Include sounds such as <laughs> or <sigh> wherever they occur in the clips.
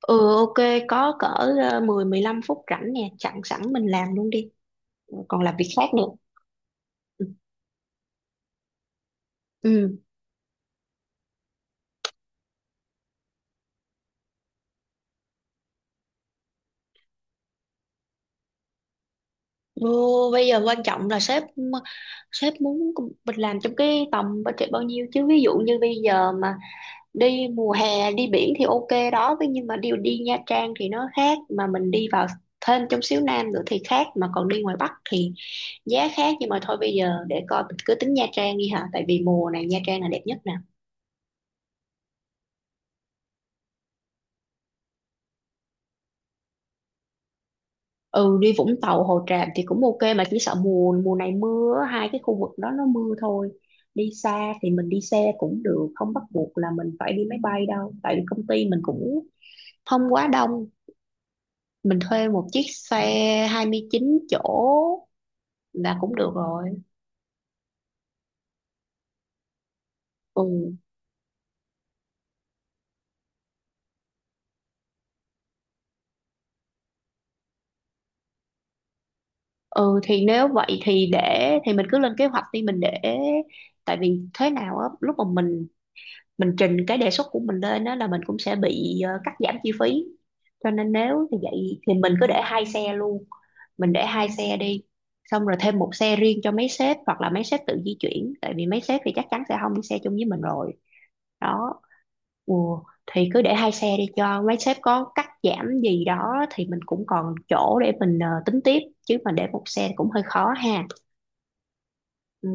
Ừ ok, có cỡ 10 15 phút rảnh nè, chặn sẵn mình làm luôn đi, còn làm việc khác nữa. Ừ. Ừ. Vô, bây giờ quan trọng là sếp sếp muốn mình làm trong cái tầm budget bao nhiêu, chứ ví dụ như bây giờ mà đi mùa hè đi biển thì ok đó, thế nhưng mà đi đi Nha Trang thì nó khác, mà mình đi vào thêm trong xíu Nam nữa thì khác, mà còn đi ngoài Bắc thì giá khác. Nhưng mà thôi, bây giờ để coi mình cứ tính Nha Trang đi hả, tại vì mùa này Nha Trang là đẹp nhất nè. Ừ, đi Vũng Tàu Hồ Tràm thì cũng ok, mà chỉ sợ mùa mùa này mưa á, hai cái khu vực đó nó mưa thôi. Đi xa thì mình đi xe cũng được, không bắt buộc là mình phải đi máy bay đâu, tại vì công ty mình cũng không quá đông, mình thuê một chiếc xe 29 chỗ là cũng được rồi. Ừ. Ừ thì nếu vậy thì để thì mình cứ lên kế hoạch đi, mình để, tại vì thế nào á, lúc mà mình trình cái đề xuất của mình lên đó là mình cũng sẽ bị cắt giảm chi phí, cho nên nếu như vậy thì mình cứ để hai xe luôn. Mình để hai xe đi, xong rồi thêm một xe riêng cho mấy sếp, hoặc là mấy sếp tự di chuyển, tại vì mấy sếp thì chắc chắn sẽ không đi xe chung với mình rồi đó. Ồ thì cứ để hai xe đi, cho mấy sếp có cắt giảm gì đó thì mình cũng còn chỗ để mình tính tiếp, chứ mà để một xe thì cũng hơi khó ha. Ừ.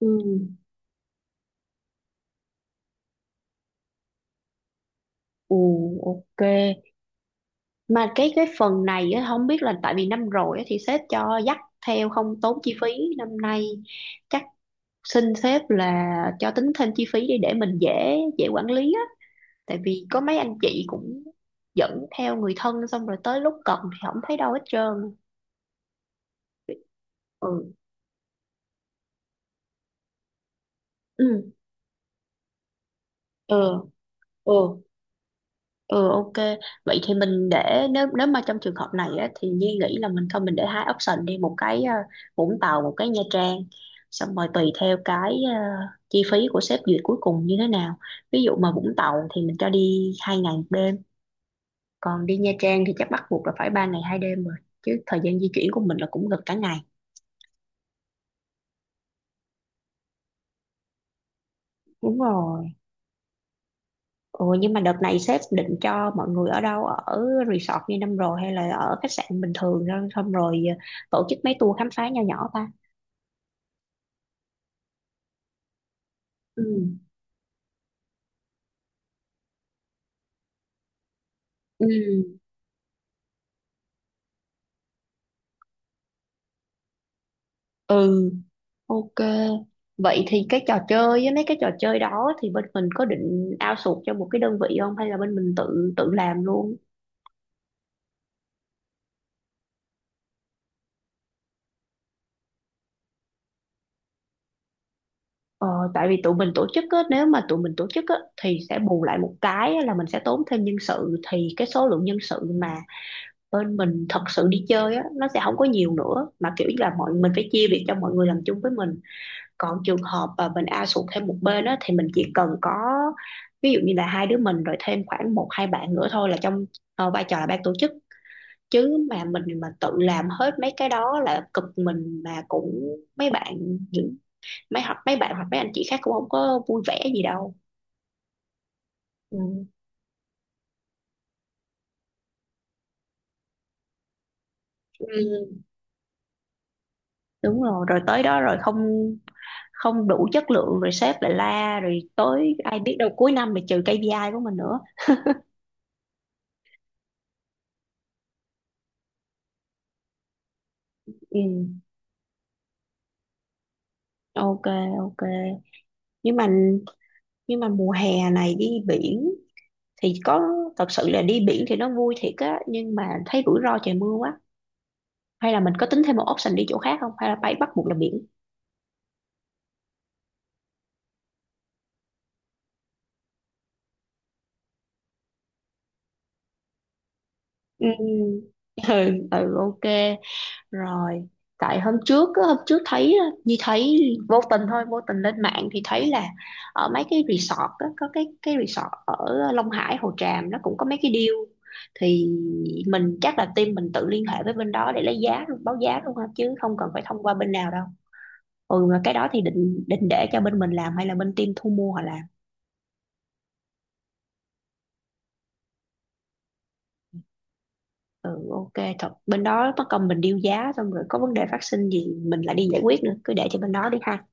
Ừ. Ừ, ok. Mà cái phần này á, không biết là tại vì năm rồi á, thì sếp cho dắt theo không tốn chi phí, năm nay chắc xin sếp là cho tính thêm chi phí đi, để mình dễ dễ quản lý á, tại vì có mấy anh chị cũng dẫn theo người thân xong rồi tới lúc cần thì không thấy đâu hết trơn. Ừ. Ừ. Ừ. Ừ. Ừ ok, vậy thì mình để nếu nếu mà trong trường hợp này á, thì Nhi nghĩ là mình thôi mình để hai option đi, một cái Vũng Tàu một cái Nha Trang, xong rồi tùy theo cái chi phí của sếp duyệt cuối cùng như thế nào. Ví dụ mà Vũng Tàu thì mình cho đi 2 ngày 1 đêm, còn đi Nha Trang thì chắc bắt buộc là phải 3 ngày 2 đêm rồi, chứ thời gian di chuyển của mình là cũng gần cả ngày. Đúng rồi. Ừ, nhưng mà đợt này sếp định cho mọi người ở đâu, ở resort như năm rồi hay là ở khách sạn bình thường, xong xong rồi tổ chức mấy tour khám phá nho nhỏ ta. Ừ. Ừ. Ừ ok, vậy thì cái trò chơi với mấy cái trò chơi đó thì bên mình có định outsource cho một cái đơn vị không, hay là bên mình tự tự làm luôn. ờ, tại vì tụi mình tổ chức á, nếu mà tụi mình tổ chức á, thì sẽ bù lại một cái á là mình sẽ tốn thêm nhân sự, thì cái số lượng nhân sự mà bên mình thật sự đi chơi á, nó sẽ không có nhiều nữa, mà kiểu như là mọi mình phải chia việc cho mọi người làm chung với mình. Còn trường hợp mà mình ao sụt thêm một bên á thì mình chỉ cần có ví dụ như là hai đứa mình, rồi thêm khoảng một hai bạn nữa thôi, là trong vai trò là ban tổ chức. Chứ mà mình mà tự làm hết mấy cái đó là cực mình, mà cũng mấy bạn, những mấy, hoặc mấy bạn hoặc mấy anh chị khác cũng không có vui vẻ gì đâu. Ừ. Ừ, đúng rồi, rồi tới đó rồi không không đủ chất lượng rồi sếp lại la, rồi tới ai biết đâu cuối năm lại trừ KPI của mình nữa. Ừ. Ok, ok. Nhưng mà nhưng mà mùa hè này đi biển thì có, thật sự là đi biển thì nó vui thiệt á, nhưng mà thấy rủi ro trời mưa quá, hay là mình có tính thêm một option đi chỗ khác không, hay là phải bắt buộc là biển. Ừ, ừ, ừ ok rồi. Tại hôm trước á, hôm trước thấy á, như thấy vô tình thôi, vô tình lên mạng thì thấy là ở mấy cái resort á, có cái resort ở Long Hải Hồ Tràm nó cũng có mấy cái deal, thì mình chắc là team mình tự liên hệ với bên đó để lấy giá luôn, báo giá luôn ha, chứ không cần phải thông qua bên nào đâu. Ừ, mà cái đó thì định định để cho bên mình làm hay là bên team thu mua họ làm. Ừ ok, thật bên đó mất công mình điêu giá xong rồi có vấn đề phát sinh gì mình lại đi giải quyết nữa, cứ để cho bên đó đi ha.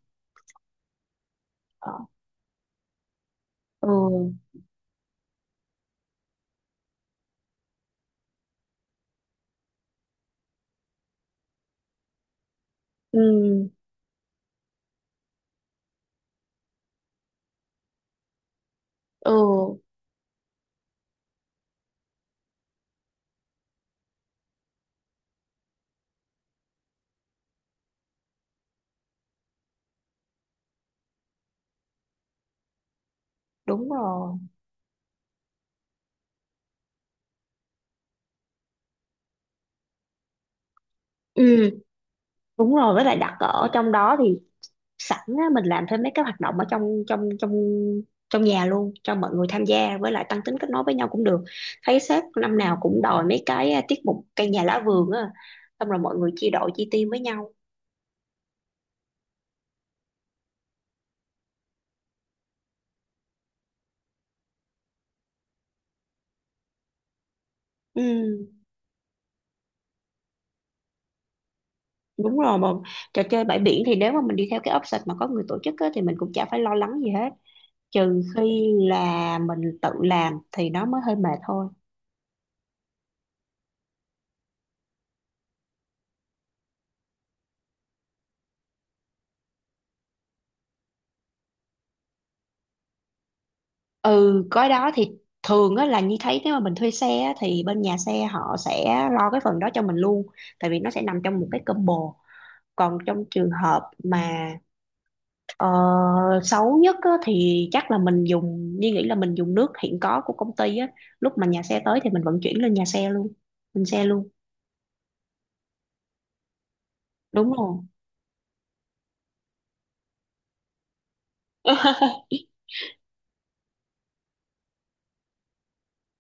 Ờ. Ừ. Ừ. Ừ. Đúng rồi. Ừ, đúng rồi, với lại đặt ở trong đó thì sẵn á, mình làm thêm mấy cái hoạt động ở trong trong trong trong nhà luôn cho mọi người tham gia, với lại tăng tính kết nối với nhau cũng được. Thấy sếp năm nào cũng đòi mấy cái tiết mục cây nhà lá vườn á, xong rồi mọi người chia đội chia team với nhau. Ừ, đúng rồi, mà trò chơi bãi biển thì nếu mà mình đi theo cái option mà có người tổ chức á, thì mình cũng chả phải lo lắng gì hết, trừ khi là mình tự làm thì nó mới hơi mệt thôi. Ừ, cái đó thì thường á, là như thấy nếu mà mình thuê xe á, thì bên nhà xe họ sẽ lo cái phần đó cho mình luôn, tại vì nó sẽ nằm trong một cái combo. Còn trong trường hợp mà ờ, xấu nhất á, thì chắc là mình dùng như nghĩ là mình dùng nước hiện có của công ty á, lúc mà nhà xe tới thì mình vận chuyển lên nhà xe luôn, lên xe luôn. Đúng rồi. <laughs>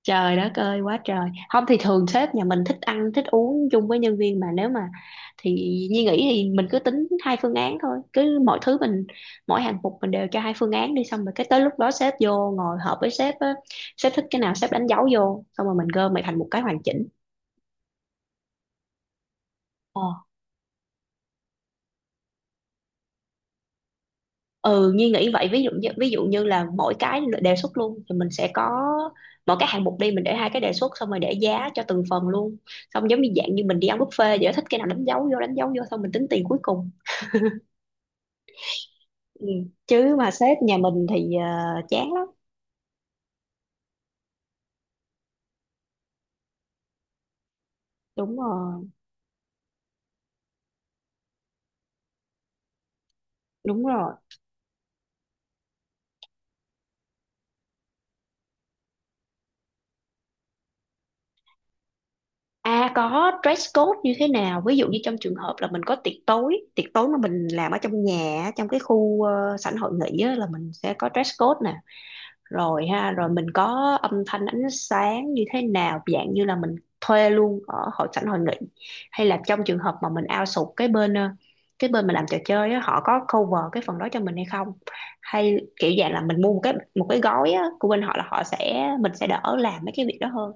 Trời đất ơi, quá trời không, thì thường sếp nhà mình thích ăn thích uống chung với nhân viên mà. Nếu mà thì Nhi nghĩ thì mình cứ tính hai phương án thôi, cứ mọi thứ mình, mỗi hạng mục mình đều cho hai phương án đi, xong rồi cái tới lúc đó sếp vô ngồi họp với sếp á, sếp thích cái nào sếp đánh dấu vô, xong rồi mình gom lại thành một cái hoàn chỉnh. Ừ, Nhi nghĩ vậy, ví dụ như là mỗi cái đề xuất luôn thì mình sẽ có mỗi cái hạng mục đi mình để hai cái đề xuất, xong rồi để giá cho từng phần luôn, xong giống như dạng như mình đi ăn buffet vậy đó, thích cái nào đánh dấu vô đánh dấu vô, xong mình tính tiền cuối cùng. Ừ. Chứ mà sếp nhà mình thì chán lắm. Đúng rồi, đúng rồi. À, có dress code như thế nào, ví dụ như trong trường hợp là mình có tiệc tối mà mình làm ở trong nhà á, trong cái khu sảnh hội nghị á, là mình sẽ có dress code rồi ha. Rồi mình có âm thanh ánh sáng như thế nào, dạng như là mình thuê luôn ở hội sảnh hội nghị, hay là trong trường hợp mà mình outsource cái bên cái bên mà làm trò chơi á, họ có cover cái phần đó cho mình hay không, hay kiểu dạng là mình mua một cái gói á, của bên họ là họ sẽ mình sẽ đỡ làm mấy cái việc đó hơn,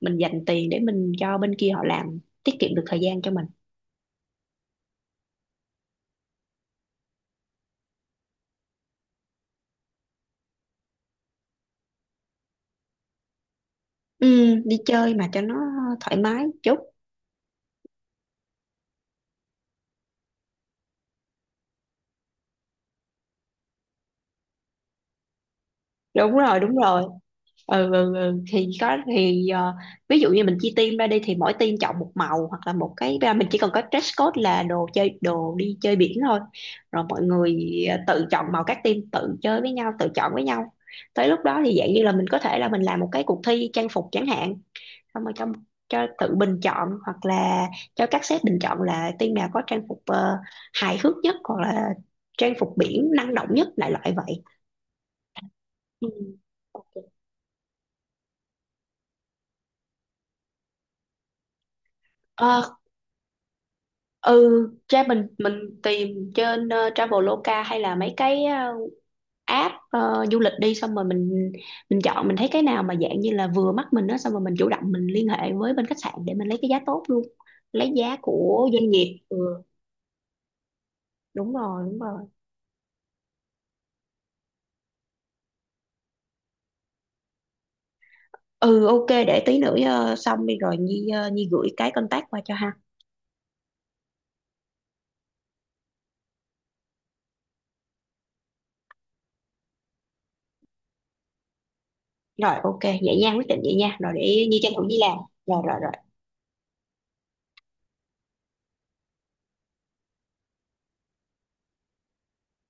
mình dành tiền để mình cho bên kia họ làm, tiết kiệm được thời gian cho mình. Ừ, đi chơi mà cho nó thoải mái chút. Đúng rồi, đúng rồi. Ừ, ừ, ừ. Thì có thì ví dụ như mình chia team ra đi thì mỗi team chọn một màu, hoặc là một cái mình chỉ cần có dress code là đồ chơi đồ đi chơi biển thôi, rồi mọi người tự chọn màu, các team tự chơi với nhau tự chọn với nhau, tới lúc đó thì dạng như là mình có thể là mình làm một cái cuộc thi trang phục chẳng hạn, xong rồi cho tự bình chọn, hoặc là cho các sếp bình chọn là team nào có trang phục hài hước nhất hoặc là trang phục biển năng động nhất, đại loại vậy. Ừ. Ok. Ừ, ra mình tìm trên Traveloka hay là mấy cái app du lịch đi, xong rồi mình chọn mình thấy cái nào mà dạng như là vừa mắt mình đó, xong rồi mình chủ động mình liên hệ với bên khách sạn để mình lấy cái giá tốt luôn. Lấy giá của doanh nghiệp. Ừ, đúng rồi, đúng rồi. Ừ ok, để tí nữa xong đi rồi Nhi gửi cái contact qua cho ha. Rồi ok, vậy nha, quyết định vậy nha. Rồi để Nhi tranh thủ đi làm. Rồi rồi rồi.